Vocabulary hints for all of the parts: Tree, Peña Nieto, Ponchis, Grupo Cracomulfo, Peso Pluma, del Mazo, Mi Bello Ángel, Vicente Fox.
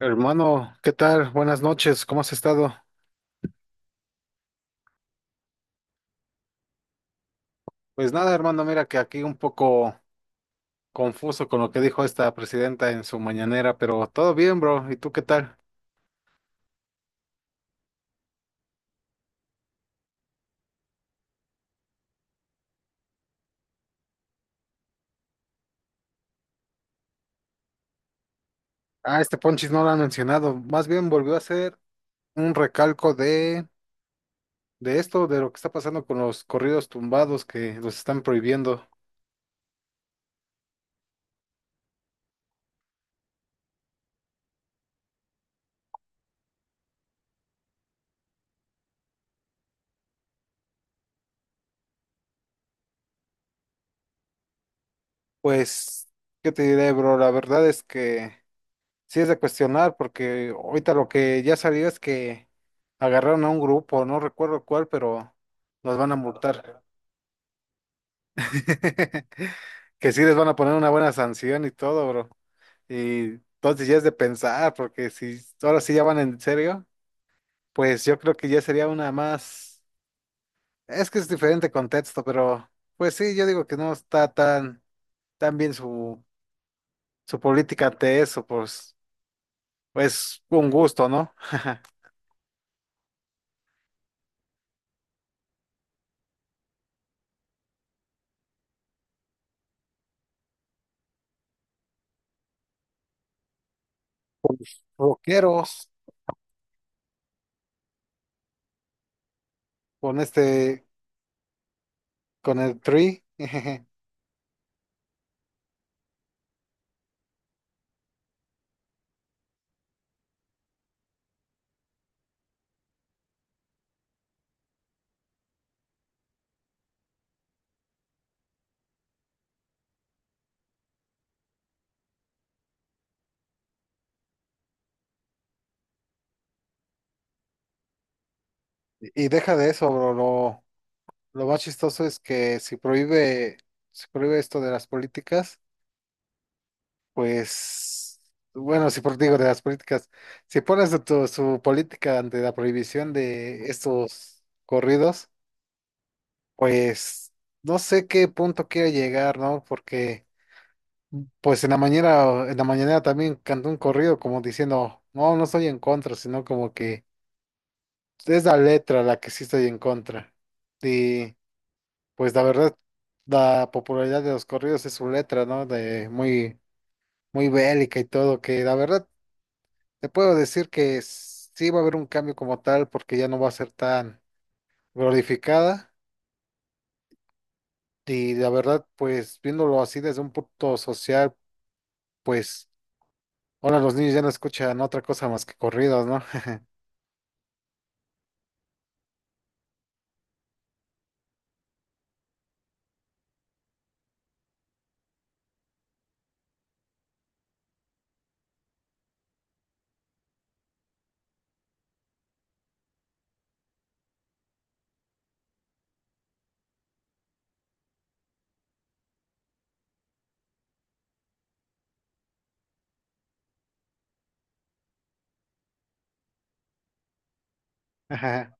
Hermano, ¿qué tal? Buenas noches, ¿cómo has estado? Pues nada, hermano, mira que aquí un poco confuso con lo que dijo esta presidenta en su mañanera, pero todo bien, bro. ¿Y tú qué tal? Ah, este Ponchis no lo han mencionado. Más bien volvió a hacer un recalco de esto, de lo que está pasando con los corridos tumbados que los están prohibiendo. Pues, ¿qué te diré, bro? La verdad es que sí es de cuestionar, porque ahorita lo que ya salió es que agarraron a un grupo, no recuerdo cuál, pero los van a multar. Que sí les van a poner una buena sanción y todo, bro. Y entonces ya es de pensar, porque si ahora sí ya van en serio, pues yo creo que ya sería una más. Es que es diferente contexto, pero pues sí, yo digo que no está tan bien su política ante eso, pues. Pues un gusto, ¿no? Rockeros con este, con el Tree. Y deja de eso, bro. Lo más chistoso es que si prohíbe esto de las políticas, pues, bueno, si por digo de las políticas, si pones su política ante la prohibición de estos corridos, pues no sé qué punto quiere llegar, ¿no? Porque pues en la mañana también cantó un corrido como diciendo, no, no estoy en contra, sino como que es la letra la que sí estoy en contra. Y pues la verdad, la popularidad de los corridos es su letra, ¿no? De muy bélica y todo, que la verdad te puedo decir que sí va a haber un cambio como tal porque ya no va a ser tan glorificada. Y la verdad, pues viéndolo así desde un punto social, pues ahora los niños ya no escuchan otra cosa más que corridos, ¿no?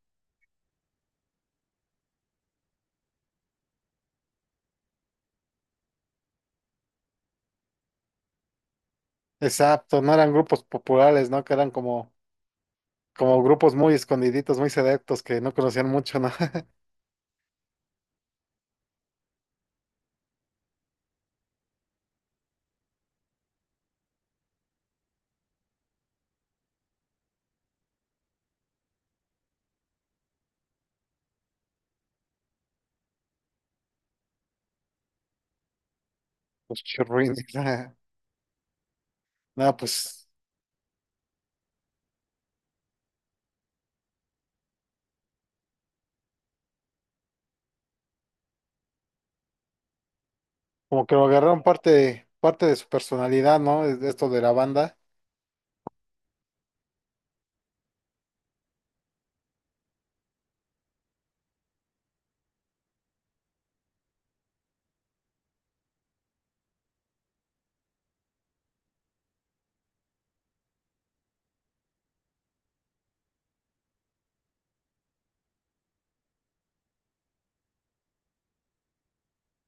Exacto, no eran grupos populares, ¿no? Que eran como, como grupos muy escondiditos, muy selectos, que no conocían mucho, ¿no? Los churrines. Nada, pues, como que lo agarraron parte de su personalidad, ¿no? Esto de la banda.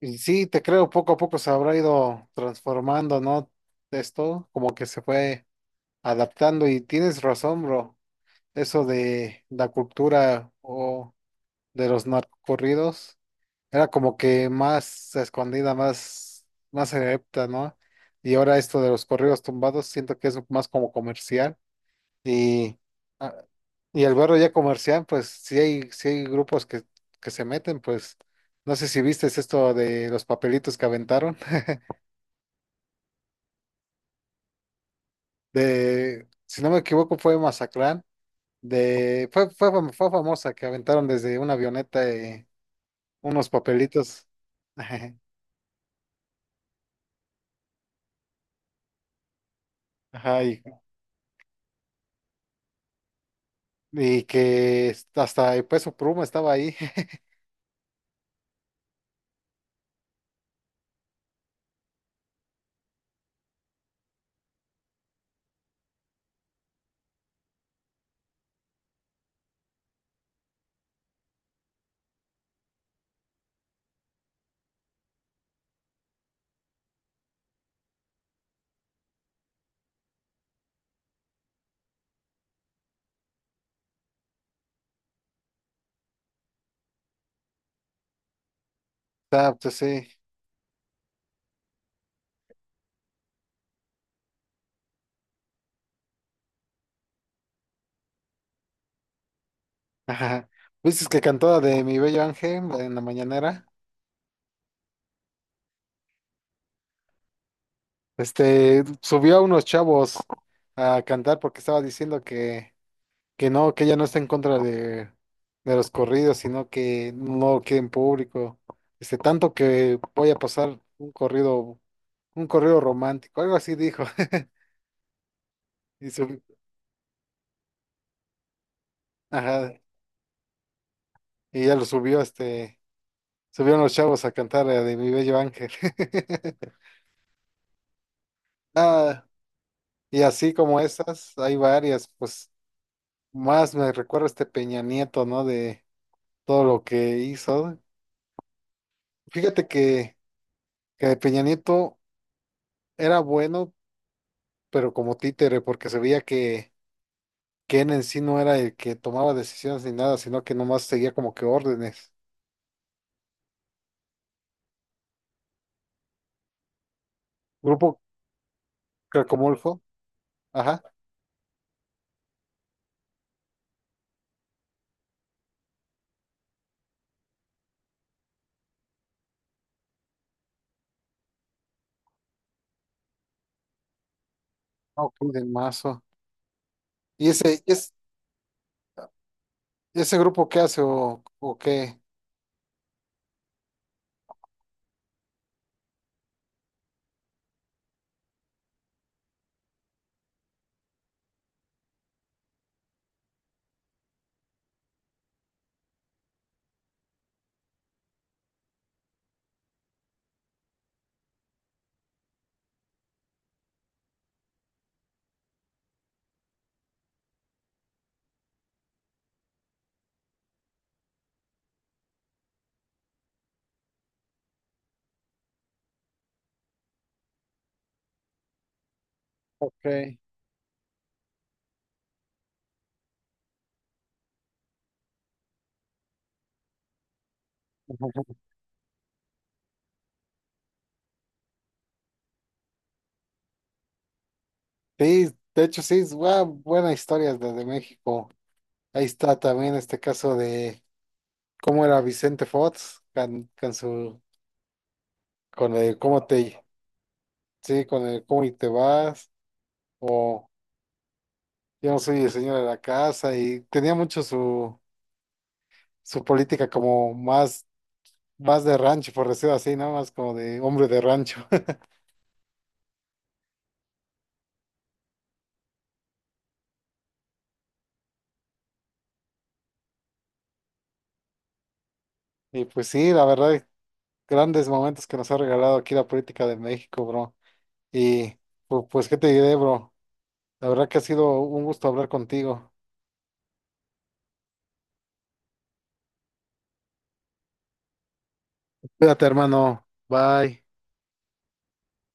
Y sí, te creo, poco a poco se habrá ido transformando, ¿no? Esto, como que se fue adaptando. Y tienes razón, bro. Eso de la cultura o de los narcocorridos. Era como que más escondida, más adepta, ¿no? Y ahora esto de los corridos tumbados, siento que es más como comercial. Y, ah, y el barrio ya comercial, pues sí hay grupos que se meten, pues no sé si viste esto de los papelitos que aventaron. De, si no me equivoco, fue Mazatlán. De, fue, fue, fam- fue famosa que aventaron desde una avioneta unos papelitos. Ajá, y que hasta el Peso Pluma estaba ahí. Está, pues sí. Ajá. Viste que cantó la de Mi Bello Ángel en la mañanera. Este, subió a unos chavos a cantar porque estaba diciendo que no, que ella no está en contra de los corridos, sino que no quede en público. Este, tanto que voy a pasar un corrido romántico, algo así dijo. Y subió, ajá, y ya lo subió este. Subieron los chavos a cantar la de Mi Bello Ángel. Ah, y así como esas, hay varias, pues más me recuerdo este Peña Nieto, ¿no? De todo lo que hizo. Fíjate que Peña Nieto era bueno, pero como títere, porque se veía que él en sí no era el que tomaba decisiones ni nada, sino que nomás seguía como que órdenes. Grupo Cracomulfo, ajá, ah ok, del Mazo. ¿Y ese, es, ese grupo qué hace o qué? Ok. Sí, de hecho sí, es buena historia desde México. Ahí está también este caso de cómo era Vicente Fox con su con el cómo te sí, con el cómo y te vas o yo no soy el señor de la casa y tenía mucho su su política como más más de rancho, por decirlo así, ¿no? Más como de hombre de rancho. Y pues sí, la verdad, grandes momentos que nos ha regalado aquí la política de México, bro. Y pues, ¿qué te diré, bro? La verdad que ha sido un gusto hablar contigo. Cuídate, hermano. Bye.